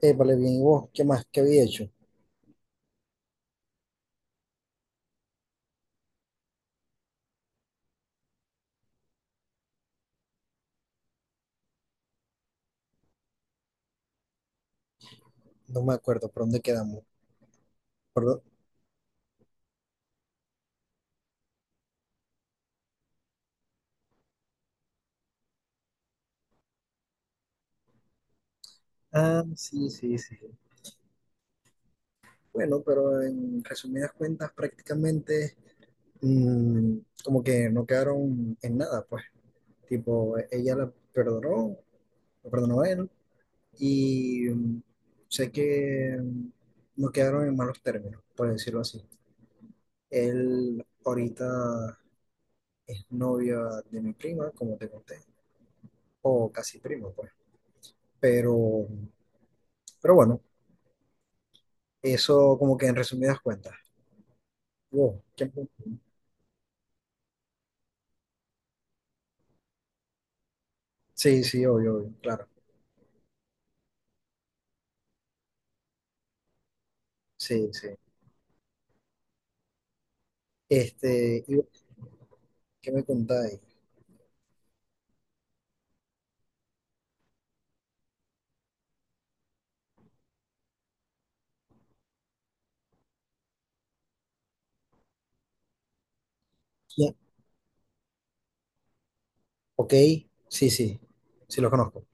Vale, bien, ¿y vos? ¿Qué más? ¿Qué había hecho? No me acuerdo, ¿por dónde quedamos? ¿Por dó- Ah, sí, sí, sí. Bueno, pero en resumidas cuentas, prácticamente mm, como que no quedaron en nada, pues. Tipo, ella la perdonó, lo perdonó a él, y sé que no quedaron en malos términos, por decirlo así. Él ahorita es novia de mi prima, como te conté, o casi primo, pues. Pero, pero bueno. Eso como que en resumidas cuentas. Wow, ¿qué me- Sí, sí, obvio, obvio, claro. Sí, sí. Este, y bueno, ¿qué me contáis? ¿Quién? Ok, sí, sí, sí lo conozco.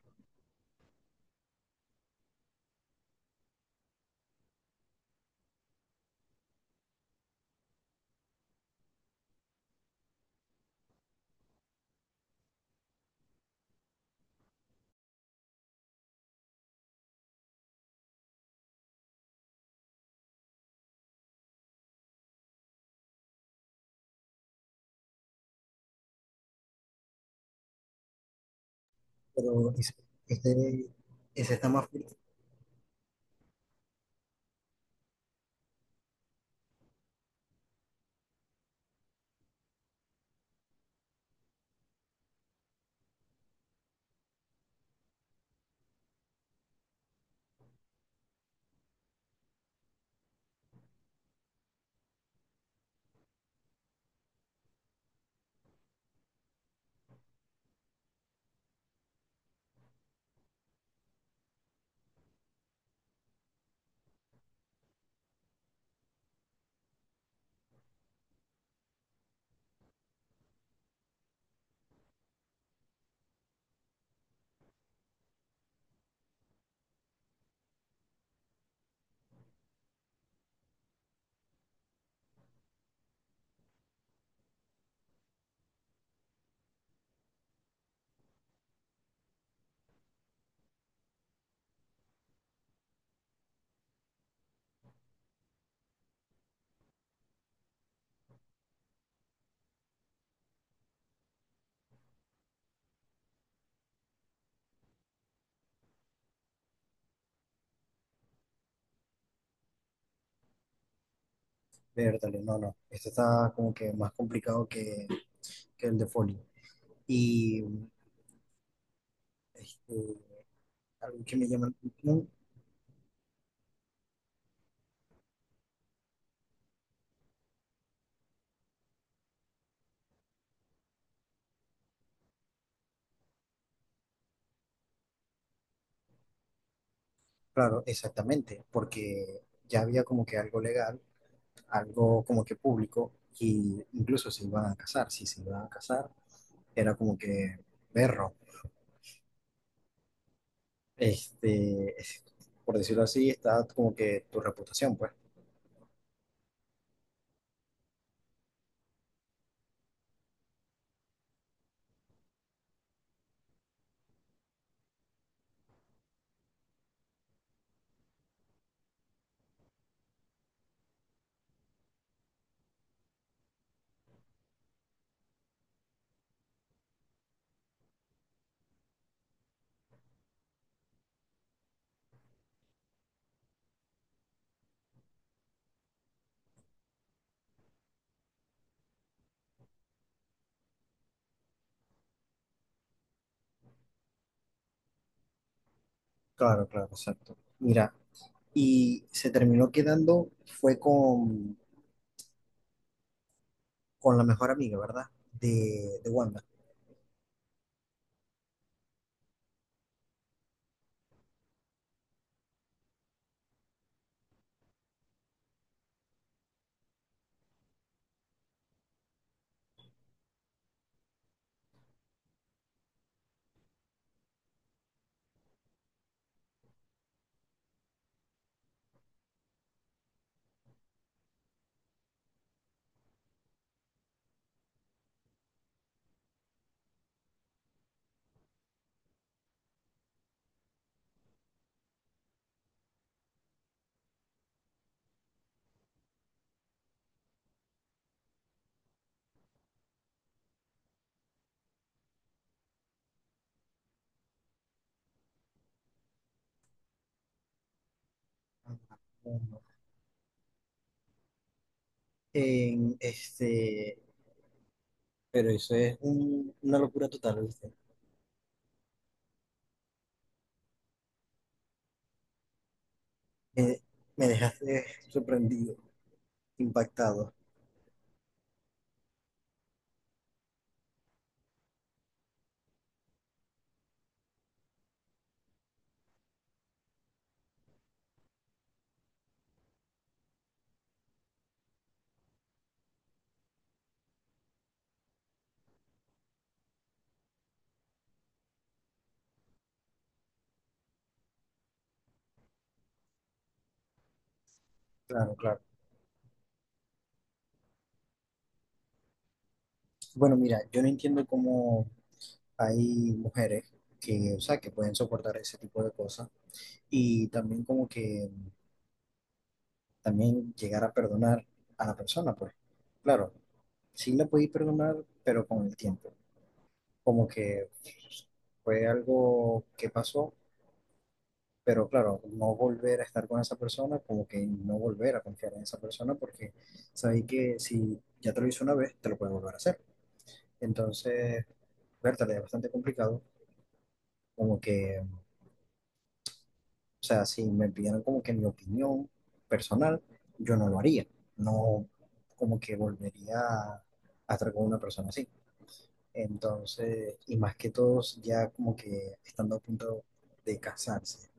Pero ese, este- Ese está más fuerte. Vértale, no, no. Este está como que más complicado que el de Foley. Y este, algo que me llama la atención, claro, exactamente, porque ya había como que algo legal, algo como que público, y incluso se iban a casar, si se iban a casar, era como que perro, este, es- por decirlo así, está como que tu reputación, pues. Claro, claro, exacto. Mira, y se terminó quedando, fue con la mejor amiga, ¿verdad? De Wanda. En este, pero eso es una locura total, ¿viste? Me, me dejaste sorprendido, impactado. Claro, claro. Bueno, mira, yo no entiendo cómo hay mujeres que, o sea, que pueden soportar ese tipo de cosas y también como que también llegar a perdonar a la persona, pues. Claro, sí la podéis perdonar, pero con el tiempo. Como que fue algo que pasó, pero claro, no volver a estar con esa persona, como que no volver a confiar en esa persona porque sabéis que si ya te lo hizo una vez, te lo puede volver a hacer. Entonces, Berta, es bastante complicado, como que. O sea, si me pidieran como que mi opinión personal, yo no lo haría. No, como que volvería a estar con una persona así. Entonces, y más que todos ya como que estando a punto de casarse.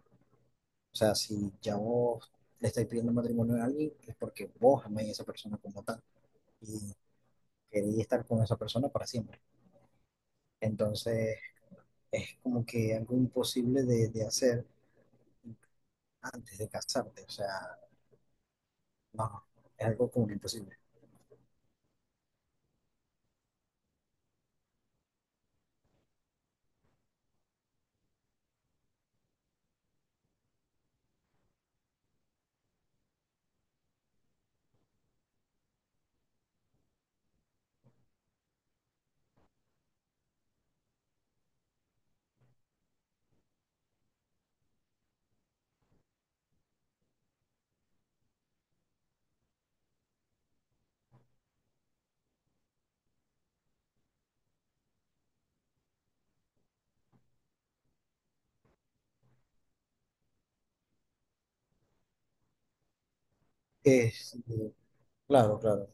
O sea, si ya vos le estáis pidiendo matrimonio a alguien, es porque vos amáis a esa persona como tal y queréis estar con esa persona para siempre. Entonces, es como que algo imposible de hacer antes de casarte. O sea, no, es algo como que imposible. Este, claro, claro,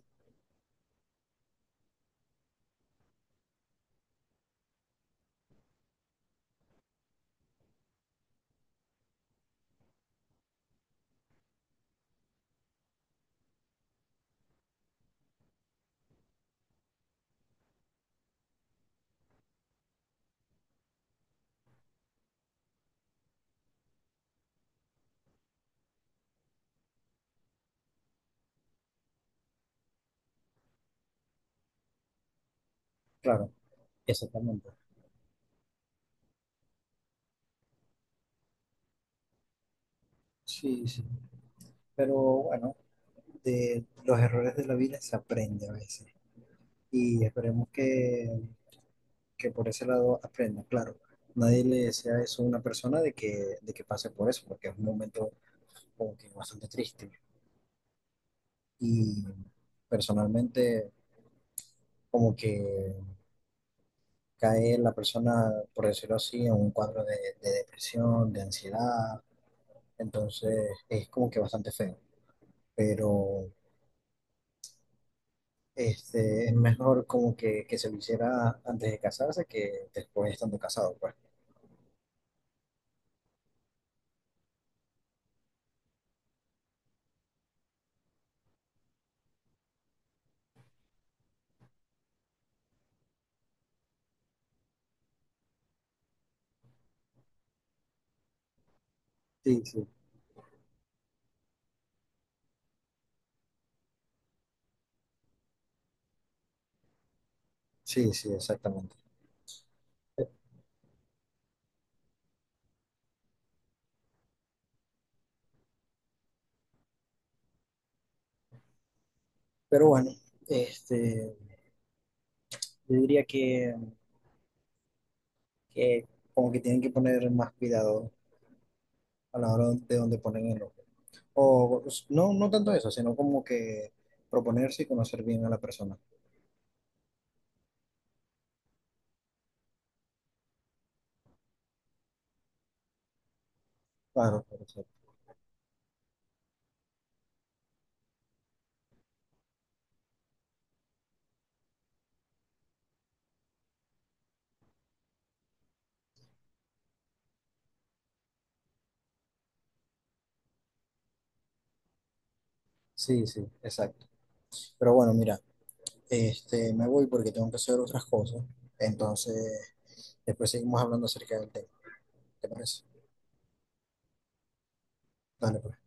claro, exactamente. Sí, sí. Pero bueno, de los errores de la vida se aprende a veces. Y esperemos que por ese lado aprenda. Claro, nadie le desea eso a una persona de que pase por eso, porque es un momento como que bastante triste. Y personalmente, como que cae la persona, por decirlo así, en un cuadro de depresión, de ansiedad. Entonces, es como que bastante feo. Pero este, es mejor como que se lo hiciera antes de casarse que después estando casado, pues. Sí, sí, sí, sí, exactamente. Pero bueno, este, yo diría que como que tienen que poner más cuidado a la hora de dónde ponen el ojo. O pues, no, no tanto eso, sino como que proponerse y conocer bien a la persona. Claro, claro, claro. Sí, sí, exacto. Pero bueno, mira, este, me voy porque tengo que hacer otras cosas. Entonces, después seguimos hablando acerca del tema. ¿Te parece? Dale, pues.